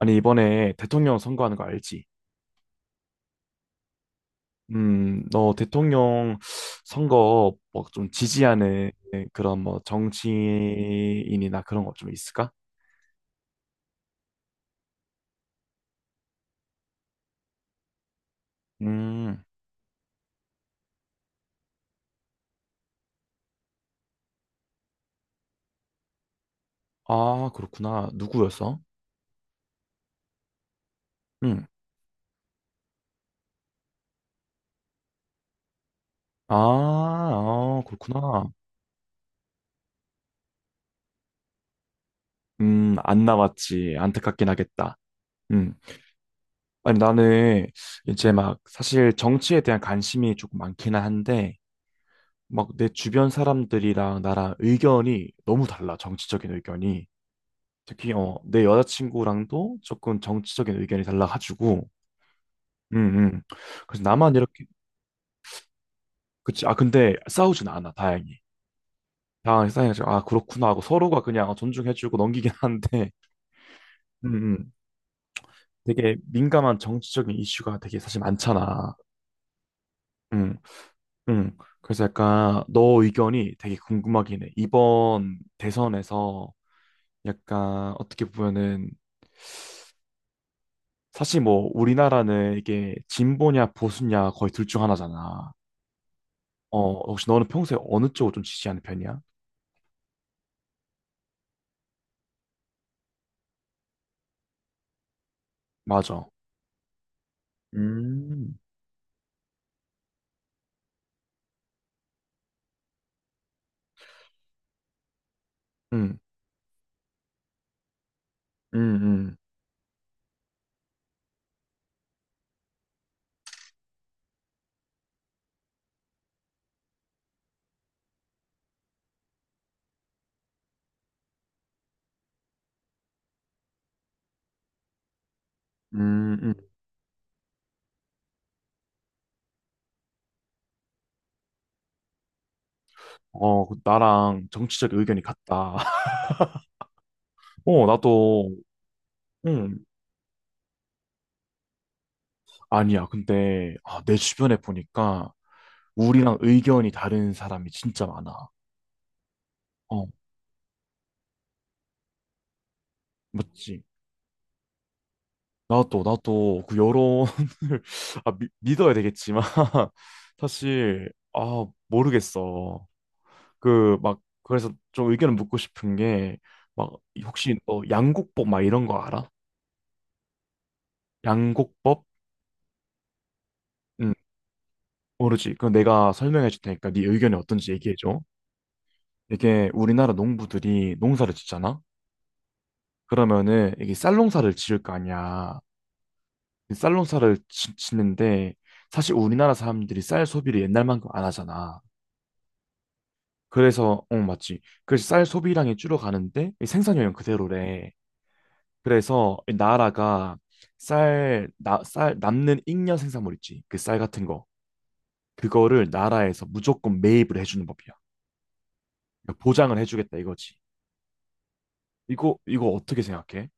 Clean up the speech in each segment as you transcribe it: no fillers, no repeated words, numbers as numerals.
아니, 이번에 대통령 선거하는 거 알지? 너 대통령 선거 뭐 좀 지지하는 그런 뭐 정치인이나 그런 거 좀 있을까? 음, 아, 그렇구나. 누구였어? 음, 아, 아, 그렇구나. 안 나왔지. 안타깝긴 하겠다. 음, 아니, 나는 이제 막 사실 정치에 대한 관심이 조금 많기는 한데, 막 내 주변 사람들이랑 나랑 의견이 너무 달라, 정치적인 의견이. 특히 내 여자친구랑도 조금 정치적인 의견이 달라가지고 음, 음. 그래서 나만 이렇게 그치. 아 근데 싸우진 않아, 다행히. 다행히 싸우지. 아 그렇구나 하고 서로가 그냥 존중해주고 넘기긴 하는데 음, 음. 되게 민감한 정치적인 이슈가 되게 사실 많잖아. 음, 그래서 약간 너 의견이 되게 궁금하긴 해 이번 대선에서. 약간 어떻게 보면은 사실 뭐 우리나라는 이게 진보냐 보수냐 거의 둘 중 하나잖아. 어, 혹시 너는 평소에 어느 쪽을 좀 지지하는 편이야? 맞아. 음, 응, 음, 음, 음, 음. 어, 그 나랑 정치적 의견이 같다. 어, 나도. 응, 아니야. 근데, 아, 내 주변에 보니까 우리랑 의견이 다른 사람이 진짜 많아. 어, 맞지. 나도, 나도 그 여론을, 아, 믿어야 되겠지만, 사실, 아, 모르겠어. 그 막 그래서 좀 의견을 묻고 싶은 게 막 혹시 너 양곡법 막 이런 거 알아? 양곡법? 응. 모르지. 그럼 내가 설명해 줄 테니까 네 의견이 어떤지 얘기해 줘. 이게 우리나라 농부들이 농사를 짓잖아. 그러면은 이게 쌀농사를 지을 거 아니야. 이 쌀농사를 짓는데 사실 우리나라 사람들이 쌀 소비를 옛날만큼 안 하잖아. 그래서 어, 맞지. 그래서 쌀 소비량이 줄어가는데 이 생산량은 그대로래. 그래서 이 나라가 쌀 남는 잉여 생산물 있지. 그 쌀 같은 거. 그거를 나라에서 무조건 매입을 해주는 법이야. 그러니까 보장을 해주겠다 이거지. 이거 이거 어떻게 생각해?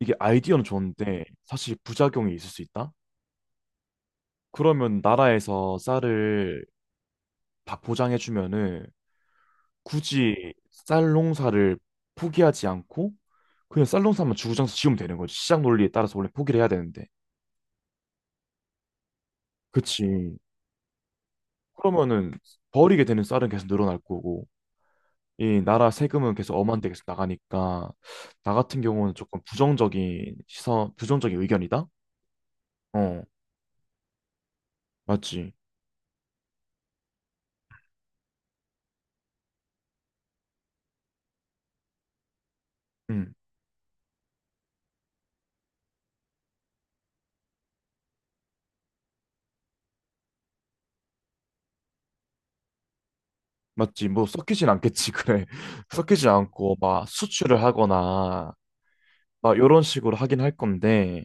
이게 아이디어는 좋은데 사실 부작용이 있을 수 있다? 그러면 나라에서 쌀을 다 보장해주면은 굳이 쌀 농사를 포기하지 않고 그냥 쌀 농사만 주구장창 지으면 되는 거지. 시장 논리에 따라서 원래 포기를 해야 되는데. 그치. 그러면은 버리게 되는 쌀은 계속 늘어날 거고 이 나라 세금은 계속 엄한데 계속 나가니까 나 같은 경우는 조금 부정적인 시선, 부정적인 의견이다? 어, 맞지. 응 맞지. 뭐 섞이진 않겠지. 그래. 섞이지 않고 막 수출을 하거나 막 이런 식으로 하긴 할 건데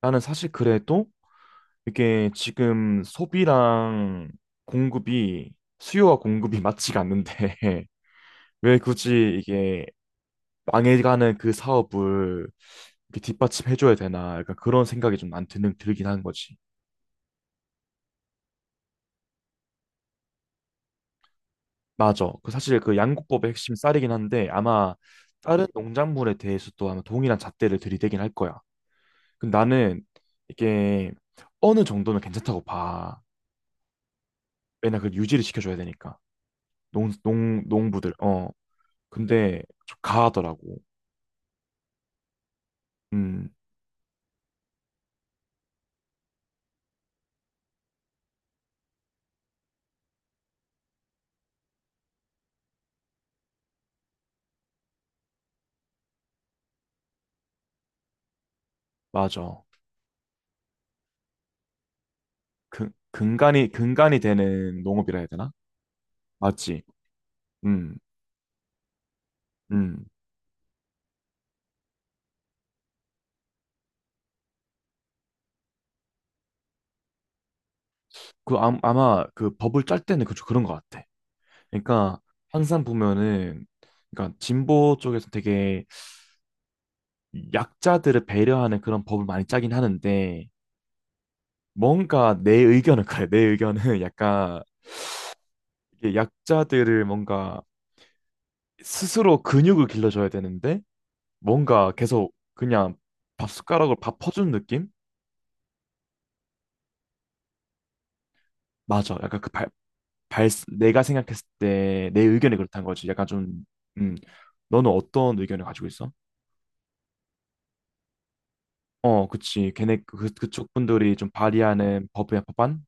나는 사실 그래도 이게 지금 소비랑 공급이 수요와 공급이 맞지가 않는데 왜 굳이 이게 망해가는 그 사업을 이렇게 뒷받침해줘야 되나 약간 그런 생각이 좀 안 드는 들긴 한 거지. 맞아. 그 사실 그 양국법의 핵심 쌀이긴 한데 아마 다른 농작물에 대해서도 아마 동일한 잣대를 들이대긴 할 거야. 근데 나는 이게 어느 정도는 괜찮다고 봐. 왜냐 그 유지를 시켜줘야 되니까 농 농 농부들. 어. 근데 좀 가하더라고. 음 맞아. 근 근간이 근간이 되는 농업이라 해야 되나? 맞지. 음 음. 그 아, 아마 그 법을 짤 때는 그 그런 것 같아. 그러니까 항상 보면은 그러니까 진보 쪽에서 되게 약자들을 배려하는 그런 법을 많이 짜긴 하는데 뭔가 내 의견은 그래. 내 의견은 약간 이게 약자들을 뭔가 스스로 근육을 길러줘야 되는데 뭔가 계속 그냥 밥 숟가락으로 밥 퍼주는 느낌? 맞아. 약간 그 발, 내가 생각했을 때 내 의견이 그렇다는 거지. 약간 좀, 음, 너는 어떤 의견을 가지고 있어? 어, 그치. 걔네 그, 그쪽 분들이 좀 발의하는 법의 법안?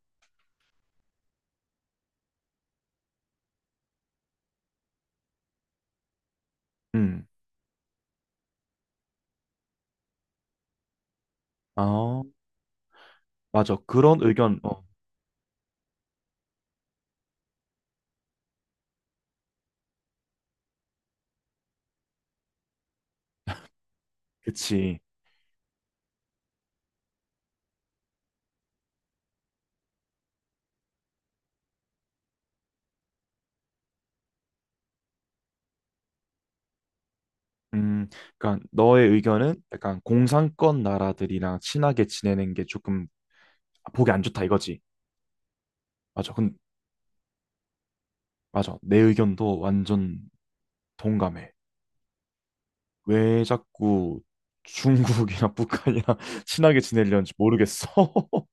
음. 아, 맞아. 그런 의견, 어, 그치. 음, 그러니까 너의 의견은 약간 공산권 나라들이랑 친하게 지내는 게 조금 보기 안 좋다 이거지. 맞아. 근 맞아. 내 의견도 완전 동감해. 왜 자꾸 중국이나 북한이랑 친하게 지내려는지 모르겠어.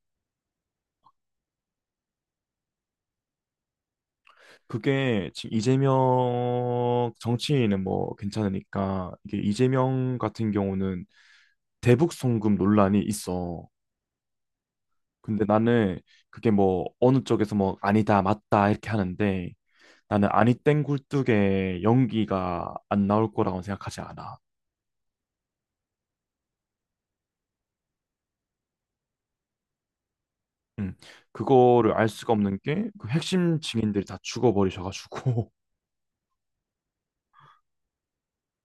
그게 지금 이재명 정치인은 뭐 괜찮으니까 이게 이재명 같은 경우는 대북 송금 논란이 있어. 근데 나는 그게 뭐 어느 쪽에서 뭐 아니다 맞다 이렇게 하는데 나는 아니 땡 굴뚝에 연기가 안 나올 거라고 생각하지 않아. 음. 그거를 알 수가 없는 게 그 핵심 증인들이 다 죽어버리셔가지고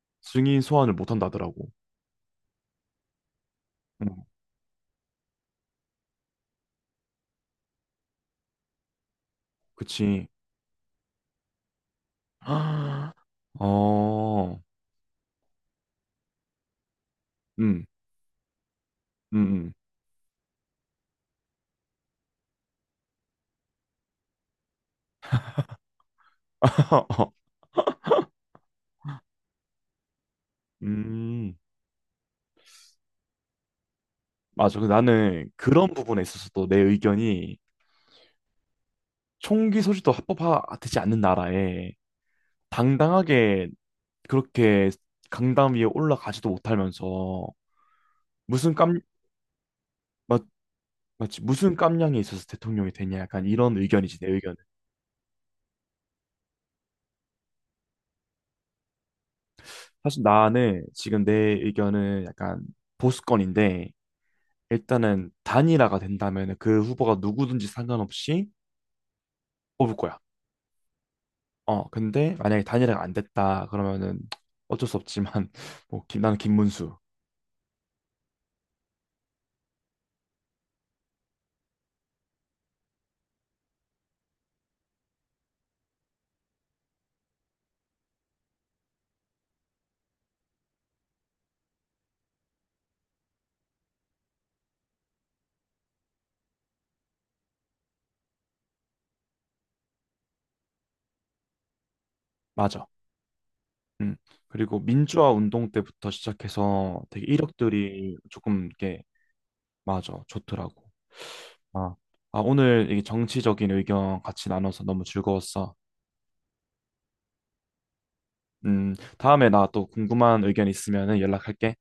증인 소환을 못 한다더라고. 음, 그치. 어, 음, 음. 음, 맞아. 근데 나는 그런 부분에 있어서도 내 의견이 총기 소지도 합법화되지 않는 나라에 당당하게 그렇게 강당 위에 올라가지도 못하면서 무슨 깜, 맞, 맞지? 무슨 깜냥이 있어서 대통령이 되냐? 약간 이런 의견이지, 내 의견은. 사실 나는 지금 내 의견은 약간 보수권인데 일단은 단일화가 된다면 그 후보가 누구든지 상관없이 뽑을 거야. 어, 근데 만약에 단일화가 안 됐다 그러면은 어쩔 수 없지만 뭐 김, 나는 김문수. 맞아. 음. 그리고 민주화 운동 때부터 시작해서 되게 이력들이 조금 이렇게 맞아 좋더라고. 아, 아 오늘 이 정치적인 의견 같이 나눠서 너무 즐거웠어. 다음에 나 또 궁금한 의견 있으면 연락할게.